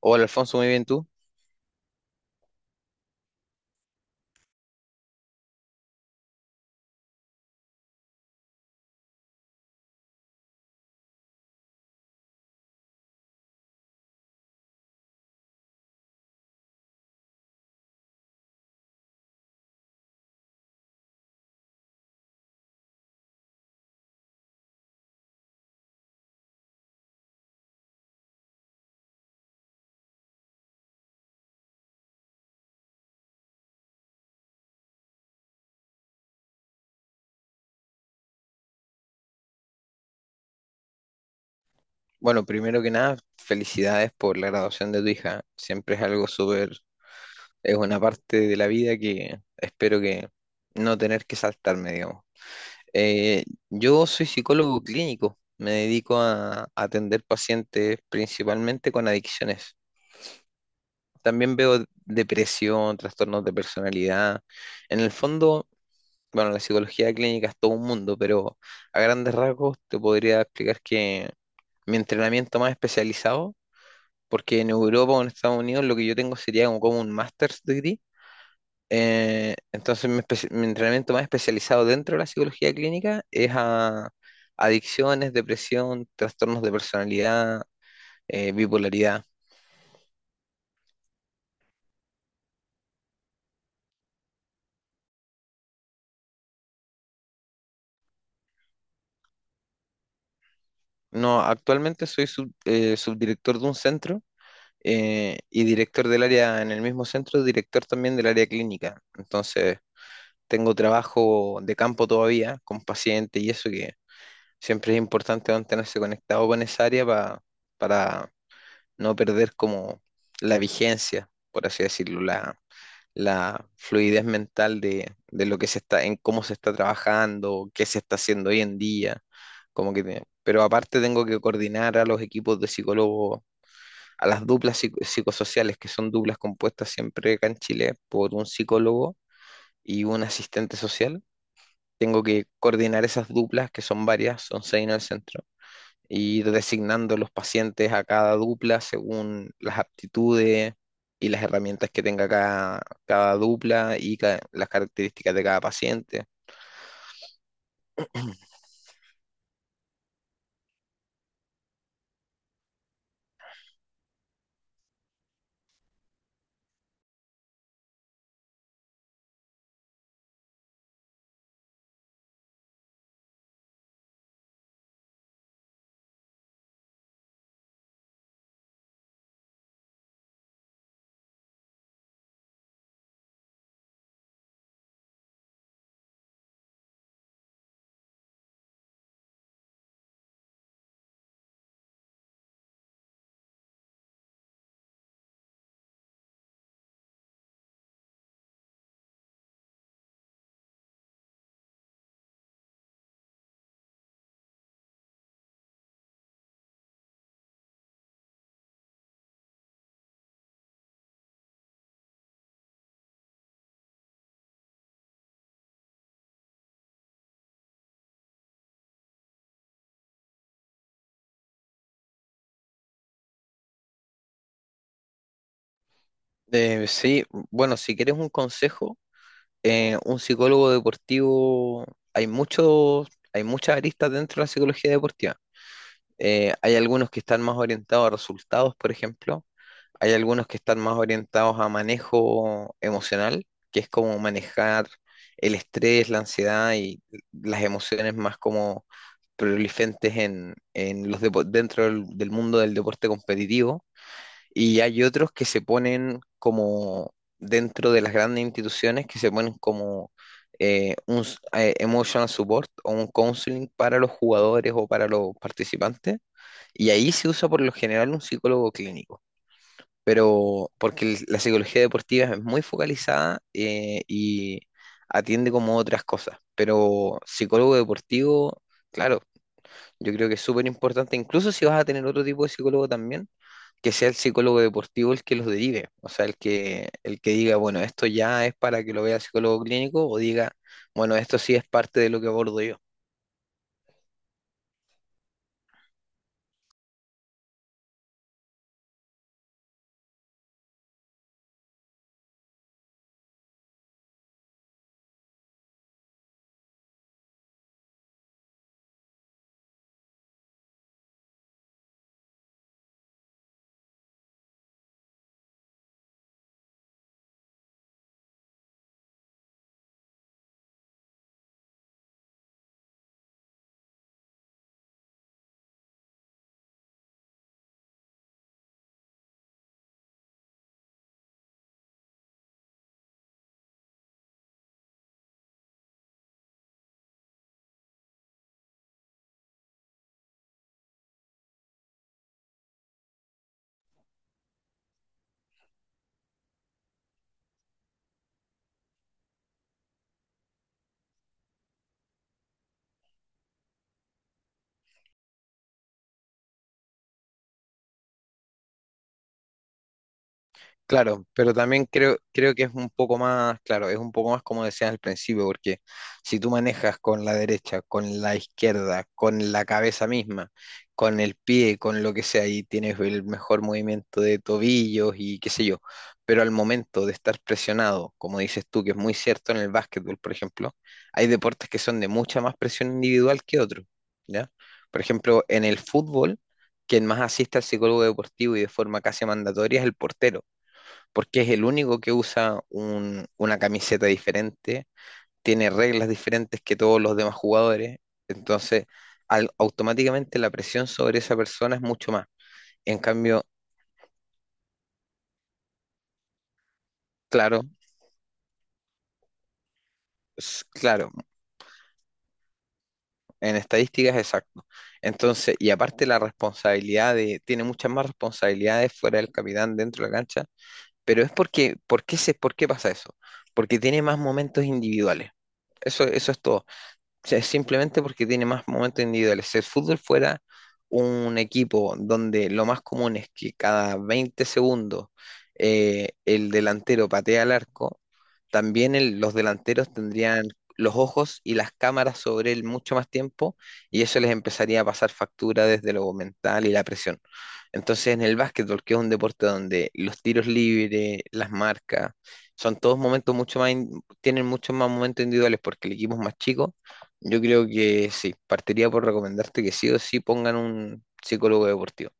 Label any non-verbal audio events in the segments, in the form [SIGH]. Hola Alfonso, muy bien tú. Bueno, primero que nada, felicidades por la graduación de tu hija. Siempre es algo súper, es una parte de la vida que espero que no tener que saltarme, digamos. Eh, yo soy psicólogo clínico, me dedico a, atender pacientes principalmente con adicciones. También veo depresión, trastornos de personalidad. En el fondo, bueno, la psicología clínica es todo un mundo, pero a grandes rasgos te podría explicar que mi entrenamiento más especializado, porque en Europa o en Estados Unidos lo que yo tengo sería como, como un master's degree entonces, mi entrenamiento más especializado dentro de la psicología clínica es a adicciones, depresión, trastornos de personalidad, bipolaridad. No, actualmente soy subdirector de un centro y director del área en el mismo centro, director también del área clínica. Entonces, tengo trabajo de campo todavía con pacientes y eso que siempre es importante mantenerse conectado con esa área para no perder como la vigencia, por así decirlo, la fluidez mental de lo que se está, en cómo se está trabajando, qué se está haciendo hoy en día, como que, pero aparte tengo que coordinar a los equipos de psicólogos, a las psicosociales, que son duplas compuestas siempre acá en Chile por un psicólogo y un asistente social. Tengo que coordinar esas duplas, que son varias, son 6 en el centro y ir designando los pacientes a cada dupla según las aptitudes y las herramientas que tenga cada, cada dupla y las características de cada paciente. [CLEARS THROAT] Sí, bueno, si quieres un consejo, un psicólogo deportivo, hay muchos, hay muchas aristas dentro de la psicología deportiva. Hay algunos que están más orientados a resultados, por ejemplo, hay algunos que están más orientados a manejo emocional, que es como manejar el estrés, la ansiedad y las emociones más como prolifentes en los dentro del, del mundo del deporte competitivo. Y hay otros que se ponen como dentro de las grandes instituciones, que se ponen como emotional support o un counseling para los jugadores o para los participantes. Y ahí se usa por lo general un psicólogo clínico pero porque la psicología deportiva es muy focalizada y atiende como otras cosas, pero psicólogo deportivo, claro, yo creo que es súper importante, incluso si vas a tener otro tipo de psicólogo también, que sea el psicólogo deportivo el que los derive, o sea, el que diga, bueno, esto ya es para que lo vea el psicólogo clínico o diga, bueno, esto sí es parte de lo que abordo yo. Claro, pero también creo, creo que es un poco más, claro, es un poco más como decías al principio, porque si tú manejas con la derecha, con la izquierda, con la cabeza misma, con el pie, con lo que sea, y tienes el mejor movimiento de tobillos y qué sé yo, pero al momento de estar presionado, como dices tú, que es muy cierto en el básquetbol, por ejemplo, hay deportes que son de mucha más presión individual que otros, ¿ya? Por ejemplo, en el fútbol, quien más asiste al psicólogo deportivo y de forma casi mandatoria es el portero porque es el único que usa una camiseta diferente, tiene reglas diferentes que todos los demás jugadores, entonces automáticamente la presión sobre esa persona es mucho más. En cambio, claro, claro, en estadísticas exacto. Entonces, y aparte la responsabilidad de, tiene muchas más responsabilidades fuera del capitán dentro de la cancha, pero es porque, ¿por qué se, por qué pasa eso? Porque tiene más momentos individuales. Eso es todo. Sea, es simplemente porque tiene más momentos individuales. Si el fútbol fuera un equipo donde lo más común es que cada 20 segundos el delantero patea al arco, también los delanteros tendrían los ojos y las cámaras sobre él mucho más tiempo y eso les empezaría a pasar factura desde lo mental y la presión. Entonces en el básquetbol, que es un deporte donde los tiros libres, las marcas, son todos momentos mucho más, tienen muchos más momentos individuales porque el equipo es más chico, yo creo que sí, partiría por recomendarte que sí o sí pongan un psicólogo deportivo.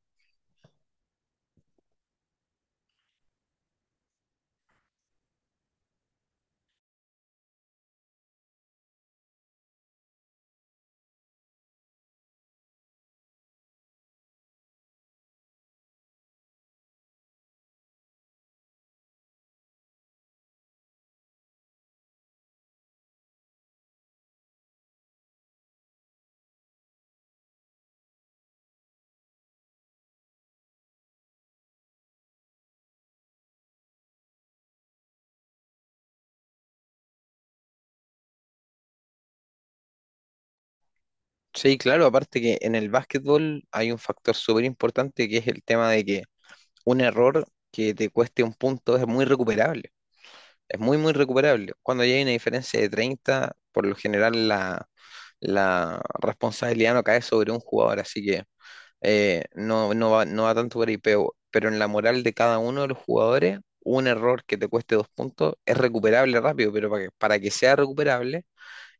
Sí, claro, aparte que en el básquetbol hay un factor súper importante que es el tema de que un error que te cueste un punto es muy recuperable. Es muy, muy recuperable. Cuando ya hay una diferencia de 30, por lo general la, la responsabilidad no cae sobre un jugador, así que no, no va, no va tanto por ahí, pero en la moral de cada uno de los jugadores, un error que te cueste dos puntos es recuperable rápido, pero para que sea recuperable,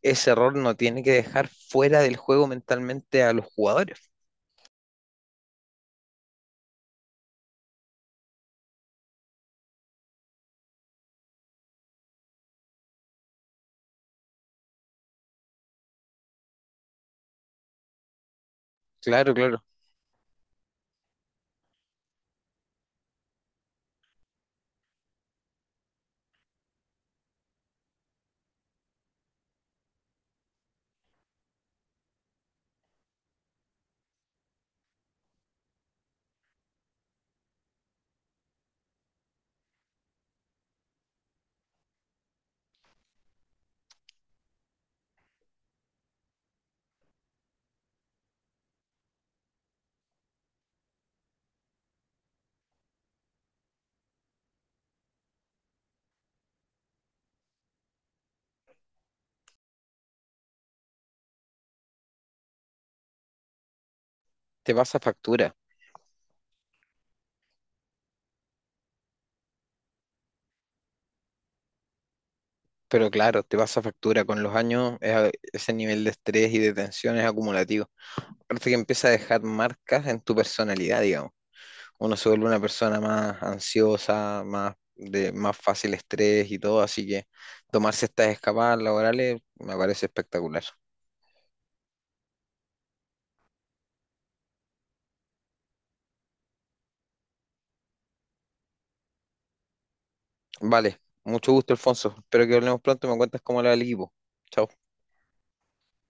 ese error no tiene que dejar fuera del juego mentalmente a los jugadores. Claro, claro, te pasa factura. Pero claro, te pasa factura con los años, es ese nivel de estrés y de tensión es acumulativo. Aparte que empieza a dejar marcas en tu personalidad, digamos. Uno se vuelve una persona más ansiosa, más de más fácil estrés y todo, así que tomarse estas escapadas laborales me parece espectacular. Vale, mucho gusto, Alfonso. Espero que hablemos pronto y me cuentas cómo le va al equipo. Chao.